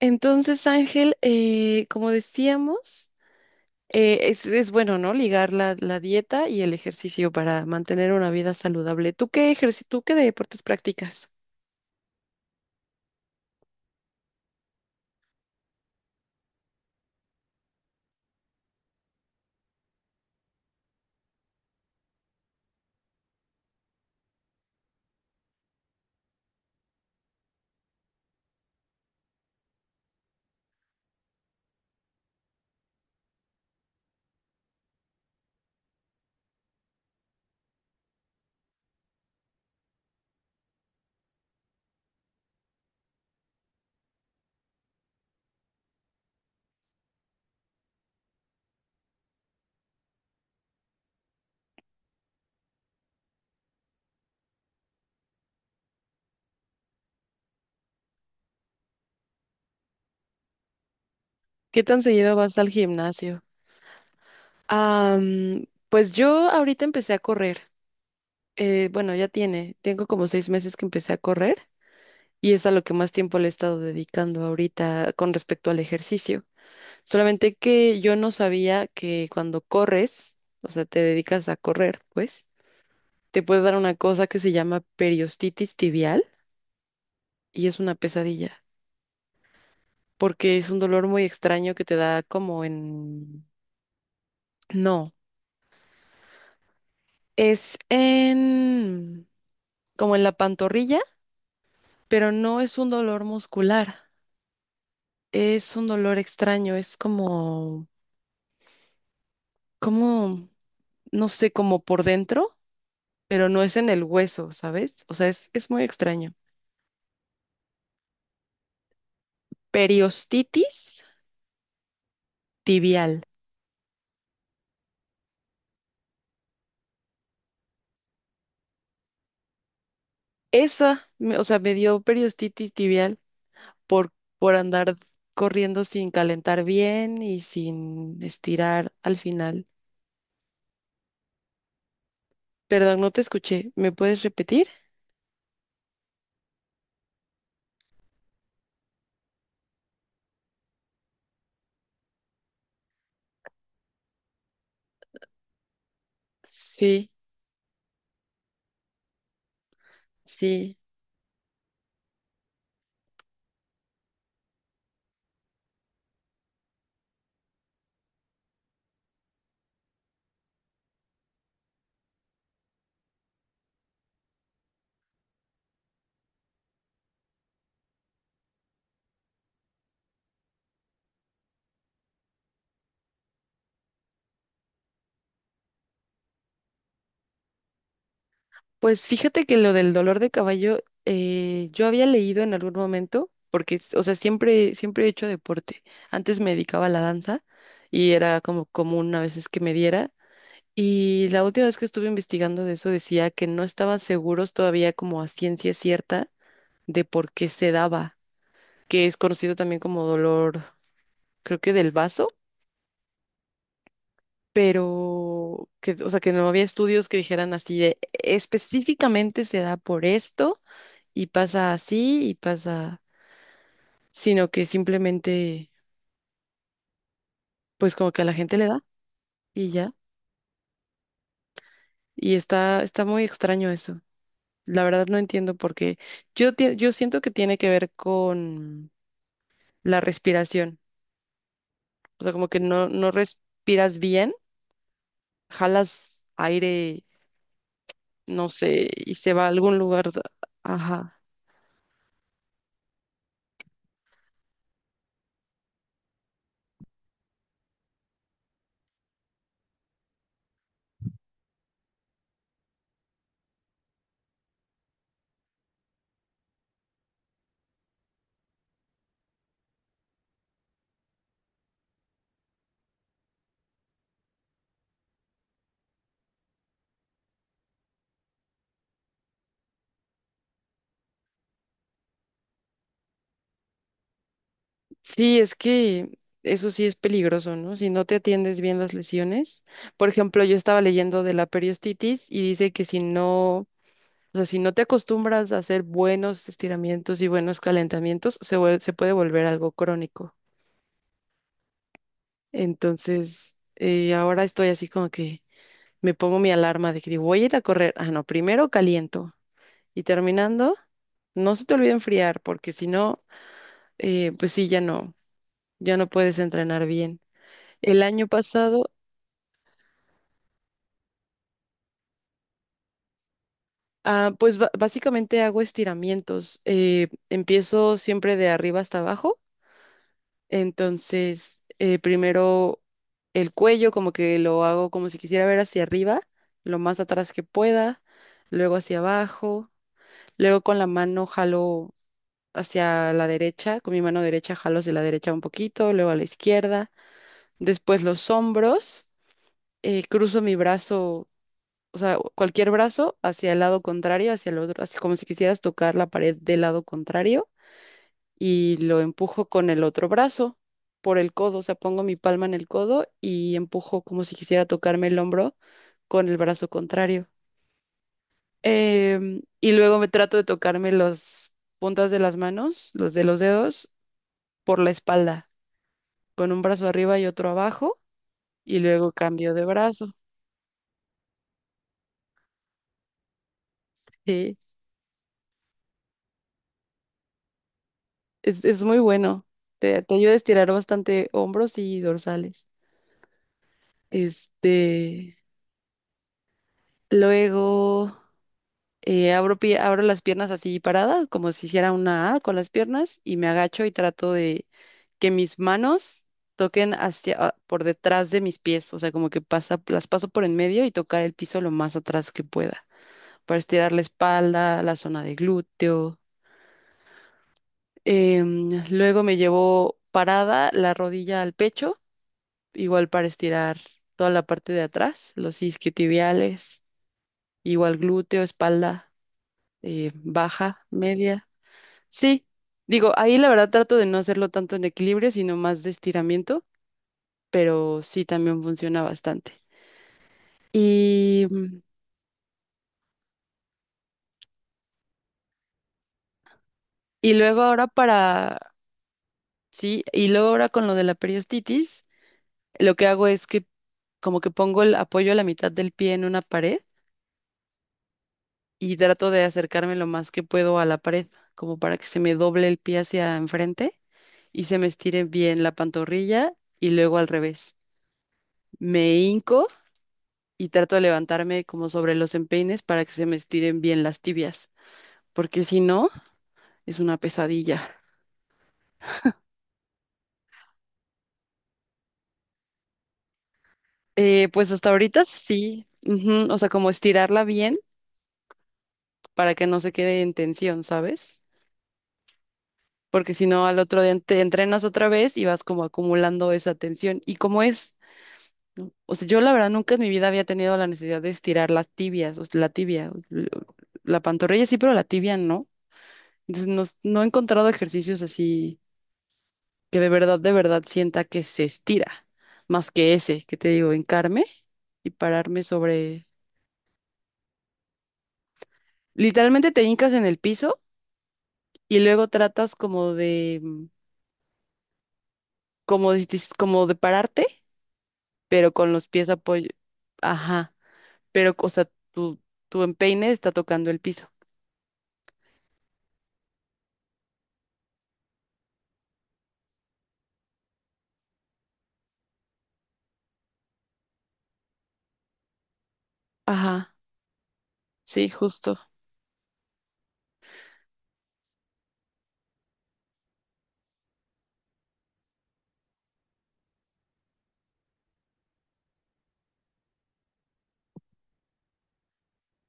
Entonces, Ángel, como decíamos, es bueno, ¿no? Ligar la dieta y el ejercicio para mantener una vida saludable. ¿Tú qué tú qué deportes practicas? ¿Qué tan seguido vas al gimnasio? Ah, mm, pues yo ahorita empecé a correr. Bueno, tengo como 6 meses que empecé a correr y es a lo que más tiempo le he estado dedicando ahorita con respecto al ejercicio. Solamente que yo no sabía que cuando corres, o sea, te dedicas a correr, pues te puede dar una cosa que se llama periostitis tibial y es una pesadilla, porque es un dolor muy extraño que te da como en... No, es en... como en la pantorrilla, pero no es un dolor muscular, es un dolor extraño, es como... como... no sé, como por dentro, pero no es en el hueso, ¿sabes? O sea, es muy extraño. Periostitis tibial. Esa, o sea, me dio periostitis tibial por, por andar corriendo sin calentar bien y sin estirar al final. Perdón, no te escuché. ¿Me puedes repetir? Sí, sí. Pues fíjate que lo del dolor de caballo, yo había leído en algún momento, porque, o sea, siempre he hecho deporte. Antes me dedicaba a la danza y era como común a veces que me diera. Y la última vez que estuve investigando de eso decía que no estaban seguros todavía como a ciencia cierta de por qué se daba. Que es conocido también como dolor, creo que del vaso, pero que, o sea, que no había estudios que dijeran así de específicamente se da por esto y pasa así y pasa, sino que simplemente, pues como que a la gente le da y ya. Y está, está muy extraño eso. La verdad no entiendo por qué. Yo, yo siento que tiene que ver con la respiración. O sea, como que no respiras bien, jalas aire, no sé, y se va a algún lugar. Ajá. Sí, es que eso sí es peligroso, ¿no? Si no te atiendes bien las lesiones. Por ejemplo, yo estaba leyendo de la periostitis y dice que si no, o sea, si no te acostumbras a hacer buenos estiramientos y buenos calentamientos, se puede volver algo crónico. Entonces, ahora estoy así como que me pongo mi alarma de que digo, voy a ir a correr. Ah, no, primero caliento y terminando, no se te olvide enfriar, porque si no, pues sí, ya no. Ya no puedes entrenar bien. El año pasado, ah, pues básicamente hago estiramientos. Empiezo siempre de arriba hasta abajo. Entonces, primero el cuello, como que lo hago como si quisiera ver hacia arriba, lo más atrás que pueda, luego hacia abajo, luego con la mano jalo hacia la derecha, con mi mano derecha jalo hacia la derecha un poquito, luego a la izquierda, después los hombros, cruzo mi brazo, o sea, cualquier brazo hacia el lado contrario, hacia el otro, así como si quisieras tocar la pared del lado contrario y lo empujo con el otro brazo por el codo, o sea, pongo mi palma en el codo y empujo como si quisiera tocarme el hombro con el brazo contrario. Y luego me trato de tocarme las puntas de las manos, los de los dedos, por la espalda, con un brazo arriba y otro abajo, y luego cambio de brazo. Sí. Es muy bueno. Te ayuda a estirar bastante hombros y dorsales. Este, luego abro, abro las piernas así paradas, como si hiciera una A con las piernas, y me agacho y trato de que mis manos toquen hacia, ah, por detrás de mis pies. O sea, como que pasa, las paso por en medio y tocar el piso lo más atrás que pueda, para estirar la espalda, la zona de glúteo. Luego me llevo parada la rodilla al pecho igual para estirar toda la parte de atrás, los isquiotibiales, igual glúteo, espalda, baja, media. Sí, digo, ahí la verdad trato de no hacerlo tanto en equilibrio, sino más de estiramiento, pero sí también funciona bastante. Y, mm, y luego ahora para, sí, y luego ahora con lo de la periostitis, lo que hago es que como que pongo el apoyo a la mitad del pie en una pared y trato de acercarme lo más que puedo a la pared, como para que se me doble el pie hacia enfrente y se me estire bien la pantorrilla y luego al revés. Me hinco y trato de levantarme como sobre los empeines para que se me estiren bien las tibias, porque si no, es una pesadilla. Pues hasta ahorita sí, ujú. O sea, como estirarla bien para que no se quede en tensión, ¿sabes? Porque si no, al otro día te entrenas otra vez y vas como acumulando esa tensión. Y como es, ¿no? O sea, yo la verdad nunca en mi vida había tenido la necesidad de estirar las tibias, o sea, la tibia, la pantorrilla sí, pero la tibia no. Entonces no, no he encontrado ejercicios así que de verdad sienta que se estira, más que ese, que te digo, hincarme y pararme sobre... Literalmente te hincas en el piso y luego tratas como de, mm, como de pararte, pero con los pies apoyo. Ajá, pero, o sea, tu empeine está tocando el piso. Ajá, sí, justo.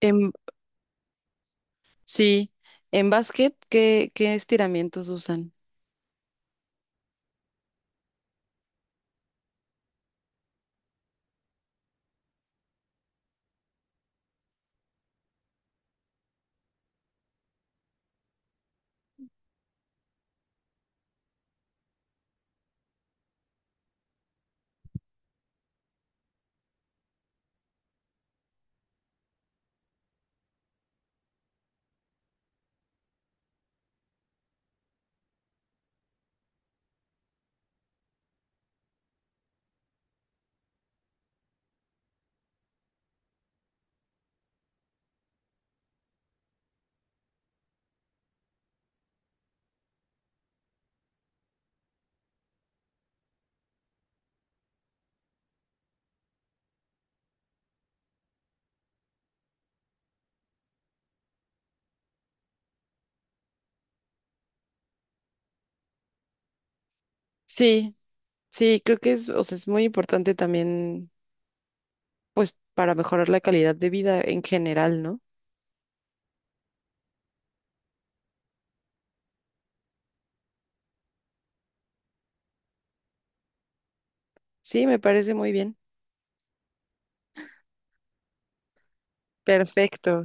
En, sí, en básquet, ¿qué, qué estiramientos usan? Sí, sí, creo que es, o sea, es muy importante también, pues, para mejorar la calidad de vida en general, ¿no? Sí, me parece muy bien. Perfecto.